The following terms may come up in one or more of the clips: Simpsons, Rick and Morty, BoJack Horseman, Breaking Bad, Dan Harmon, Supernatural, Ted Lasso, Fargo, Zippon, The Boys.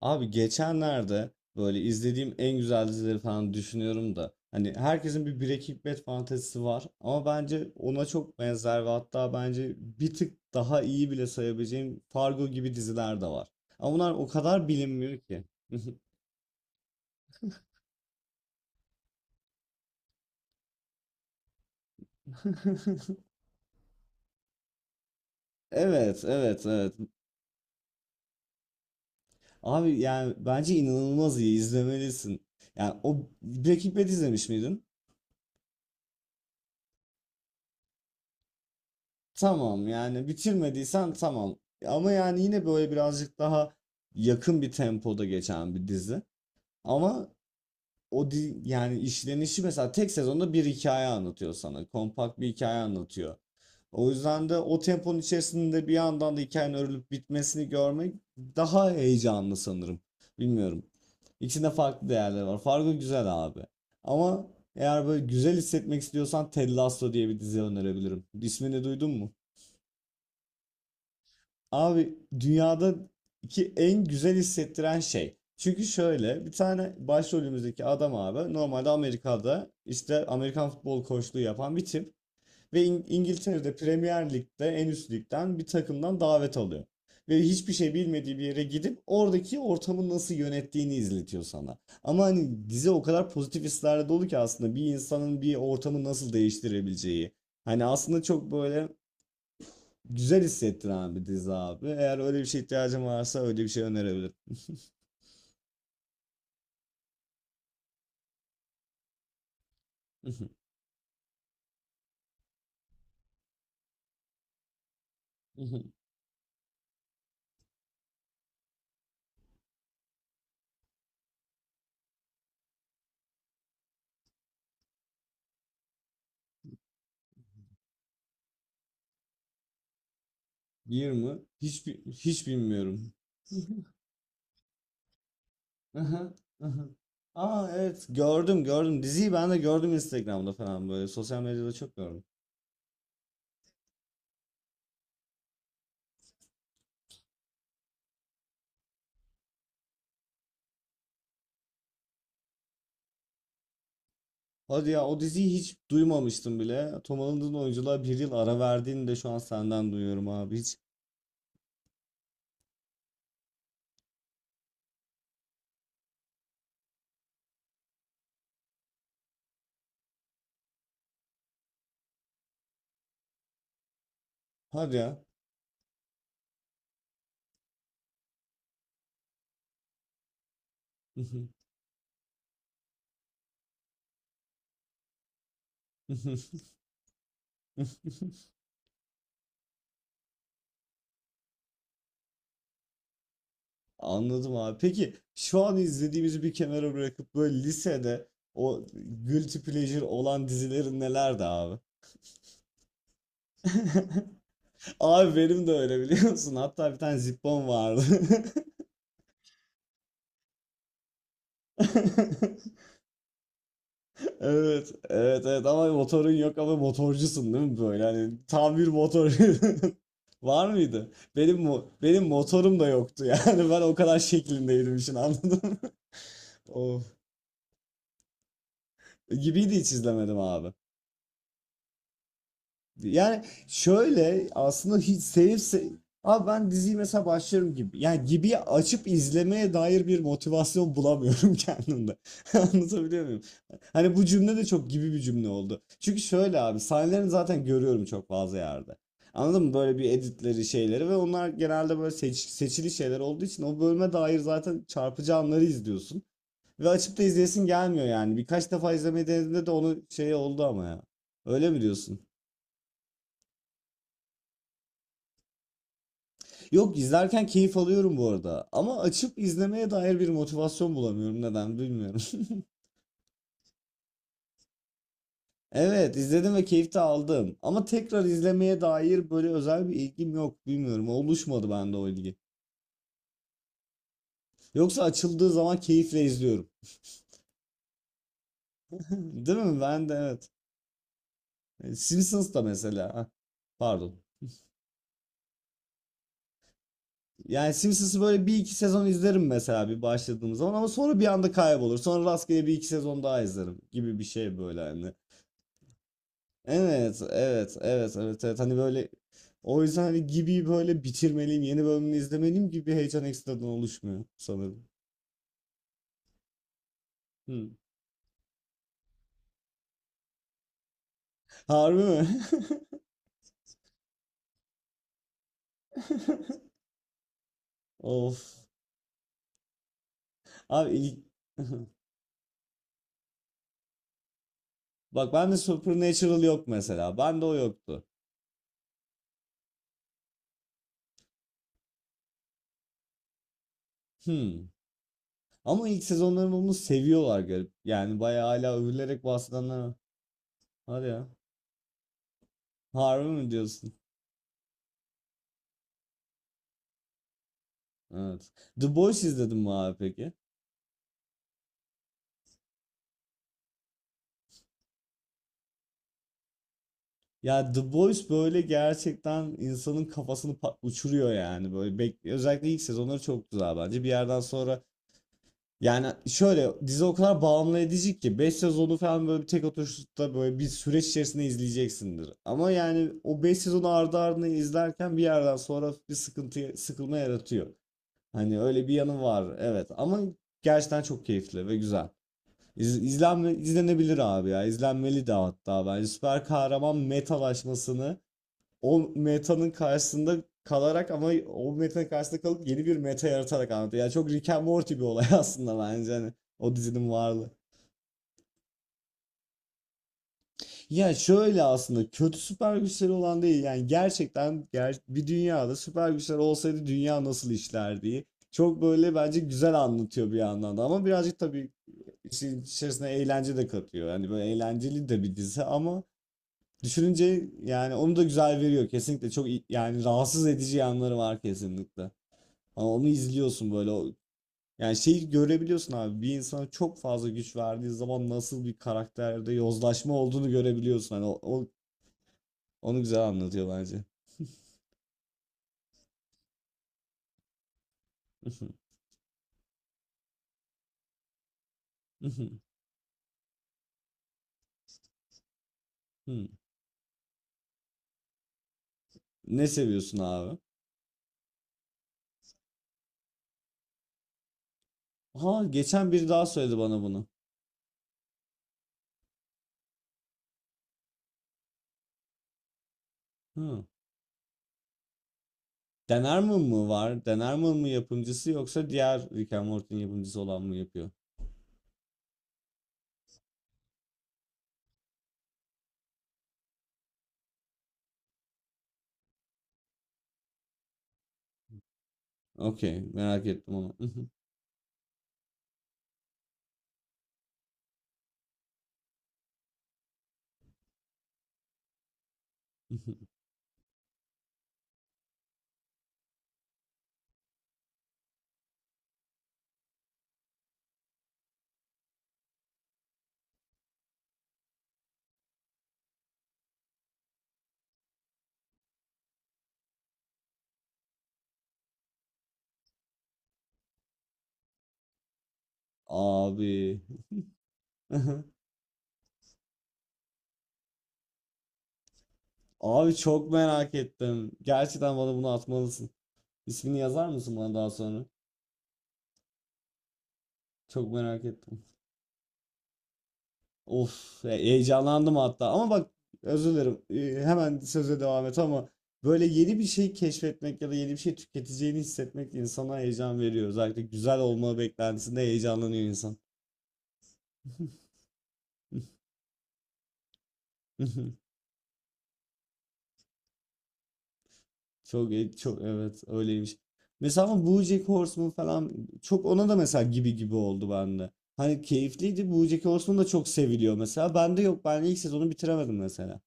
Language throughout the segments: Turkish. Abi geçenlerde böyle izlediğim en güzel dizileri falan düşünüyorum da hani herkesin bir Breaking Bad fantezisi var ama bence ona çok benzer ve hatta bence bir tık daha iyi bile sayabileceğim Fargo gibi diziler de var. Ama bunlar o kadar bilinmiyor ki. Evet, evet, evet. Abi yani bence inanılmaz iyi izlemelisin. Yani o Breaking Bad izlemiş miydin? Tamam yani bitirmediysen tamam. Ama yani yine böyle birazcık daha yakın bir tempoda geçen bir dizi. Ama o di yani işlenişi mesela tek sezonda bir hikaye anlatıyor sana. Kompakt bir hikaye anlatıyor. O yüzden de o temponun içerisinde bir yandan da hikayenin örülüp bitmesini görmek daha heyecanlı sanırım. Bilmiyorum. İçinde farklı değerler var. Fargo güzel abi. Ama eğer böyle güzel hissetmek istiyorsan Ted Lasso diye bir dizi önerebilirim. İsmini duydun mu? Abi dünyadaki en güzel hissettiren şey. Çünkü şöyle bir tane başrolümüzdeki adam abi normalde Amerika'da işte Amerikan futbol koçluğu yapan bir tip ve İngiltere'de Premier Lig'de en üst ligden bir takımdan davet alıyor. Ve hiçbir şey bilmediği bir yere gidip oradaki ortamı nasıl yönettiğini izletiyor sana. Ama hani dizi o kadar pozitif hislerle dolu ki aslında bir insanın bir ortamı nasıl değiştirebileceği. Hani aslında çok böyle. Güzel hissettiren bir dizi abi. Eğer öyle bir şey ihtiyacım varsa öyle bir şey önerebilirim. Bir mi? Hiç hiç bilmiyorum. Aha, aha. Aa evet, gördüm gördüm. Diziyi ben de gördüm Instagram'da falan böyle. Sosyal medyada çok gördüm. Hadi ya, o diziyi hiç duymamıştım bile. Tom Holland'ın oyunculuğa bir yıl ara verdiğini de şu an senden duyuyorum abi. Hiç. Hadi ya. Anladım abi. Peki şu an izlediğimizi bir kenara bırakıp böyle lisede o guilty pleasure olan dizilerin nelerdi abi? Abi benim de öyle, biliyor musun? Hatta bir tane Zippon vardı. Evet, evet, evet, ama motorun yok ama motorcusun değil mi böyle? Hani tam bir motor. Var mıydı? Benim motorum da yoktu yani ben o kadar şeklindeydim işin, anladın mı? Of. Gibiydi, hiç izlemedim abi. Yani şöyle, aslında hiç sevip abi ben diziyi mesela başlarım gibi. Yani gibi açıp izlemeye dair bir motivasyon bulamıyorum kendimde. Anlatabiliyor muyum? Hani bu cümle de çok gibi bir cümle oldu. Çünkü şöyle abi, sahnelerini zaten görüyorum çok fazla yerde. Anladın mı? Böyle bir editleri şeyleri ve onlar genelde böyle seçili şeyler olduğu için o bölüme dair zaten çarpıcı anları izliyorsun. Ve açıp da izleyesin gelmiyor yani. Birkaç defa izlemeyi denediğimde de onu şey oldu ama ya. Öyle mi diyorsun? Yok, izlerken keyif alıyorum bu arada. Ama açıp izlemeye dair bir motivasyon bulamıyorum. Neden bilmiyorum. Evet, izledim ve keyif de aldım. Ama tekrar izlemeye dair böyle özel bir ilgim yok. Bilmiyorum. Oluşmadı bende o ilgi. Yoksa açıldığı zaman keyifle izliyorum. Değil mi? Ben de evet. Simpsons da mesela. Hah. Pardon. Yani Simpsons'ı böyle bir iki sezon izlerim mesela bir başladığım zaman, ama sonra bir anda kaybolur. Sonra rastgele bir iki sezon daha izlerim gibi bir şey böyle hani. Evet, evet, evet, evet, evet. Hani böyle o yüzden hani gibi böyle bitirmeliyim, yeni bölümünü izlemeliyim gibi bir heyecan ekstradan oluşmuyor sanırım. Hmm. Harbi mi? Of. Abi ilk... Bak, ben de Supernatural yok mesela. Ben de o yoktu. Hmm. Ama ilk sezonların onu seviyorlar, garip. Yani bayağı hala övülerek bahsedenler var. Hadi ya. Harbi mi diyorsun? Evet. The Boys izledin mi abi peki? Ya The Boys böyle gerçekten insanın kafasını uçuruyor yani, böyle özellikle ilk sezonları çok güzel bence. Bir yerden sonra, yani şöyle, dizi o kadar bağımlı edici ki 5 sezonu falan böyle bir tek oturuşta böyle bir süreç içerisinde izleyeceksindir. Ama yani o 5 sezonu ardı ardına izlerken bir yerden sonra bir sıkıntı, sıkılma yaratıyor. Hani öyle bir yanı var, evet, ama gerçekten çok keyifli ve güzel. İzlenebilir abi ya, izlenmeli de hatta. Bence süper kahraman metalaşmasını o metanın karşısında kalarak, ama o metanın karşısında kalıp yeni bir meta yaratarak anlatıyor. Yani çok Rick and Morty bir olay aslında bence, hani o dizinin varlığı. Ya şöyle, aslında kötü süper güçleri olan değil, yani gerçekten bir dünyada süper güçler olsaydı dünya nasıl işlerdi, çok böyle bence güzel anlatıyor bir yandan da. Ama birazcık tabii işin içerisine eğlence de katıyor. Yani böyle eğlenceli de bir dizi, ama düşününce, yani onu da güzel veriyor kesinlikle. Yani rahatsız edici yanları var kesinlikle. Ama onu izliyorsun böyle. Yani şeyi görebiliyorsun abi. Bir insana çok fazla güç verdiği zaman nasıl bir karakterde yozlaşma olduğunu görebiliyorsun. Hani onu güzel anlatıyor bence. Ne seviyorsun abi? Ha, geçen biri daha söyledi bana bunu. Hı. Dan Harmon var? Dan mı yapımcısı, yoksa diğer Rick and Morty'nin yapımcısı olan mı yapıyor? Okey, merak ettim onu. Abi. Abi çok merak ettim. Gerçekten bana bunu atmalısın. İsmini yazar mısın bana daha sonra? Çok merak ettim. Of, heyecanlandım hatta. Ama bak, özür dilerim. Hemen söze devam et, ama böyle yeni bir şey keşfetmek ya da yeni bir şey tüketeceğini hissetmek insana heyecan veriyor. Özellikle güzel olma beklentisinde heyecanlanıyor insan. Çok çok evet, öyleymiş. Mesela ama BoJack Horseman falan, çok ona da mesela gibi gibi oldu bende. Hani keyifliydi. BoJack Horseman da çok seviliyor mesela. Bende yok. Ben ilk sezonu bitiremedim mesela.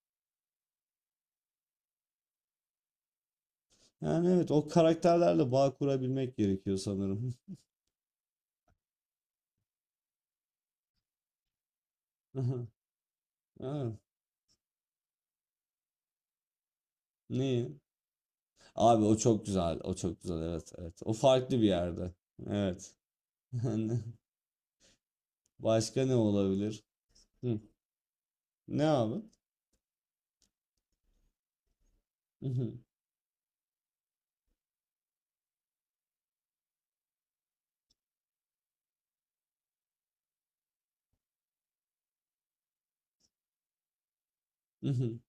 Yani evet, o karakterlerle bağ kurabilmek gerekiyor sanırım. Evet. Niye? Abi o çok güzel. O çok güzel. Evet, evet. O farklı bir yerde. Evet. Başka ne olabilir? Hı. Ne abi? Hı hı, hı hı,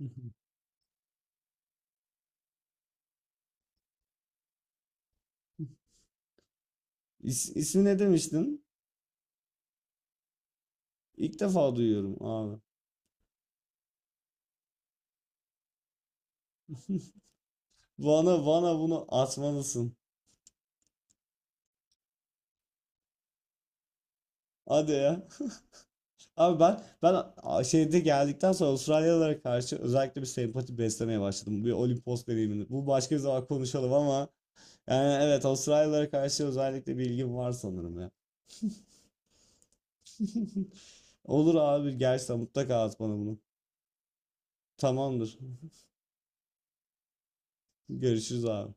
hı hı. İsmi ne demiştin? İlk defa duyuyorum abi. Bana bunu atmalısın. Hadi ya. Abi ben şeyde geldikten sonra Avustralyalılara karşı özellikle bir sempati beslemeye başladım. Bir Olimpos deneyimini. Bu başka bir zaman konuşalım, ama yani evet, Avustralyalılara karşı özellikle bir ilgim var sanırım ya. Olur abi, gerçekten mutlaka at bana bunu. Tamamdır. Görüşürüz abi.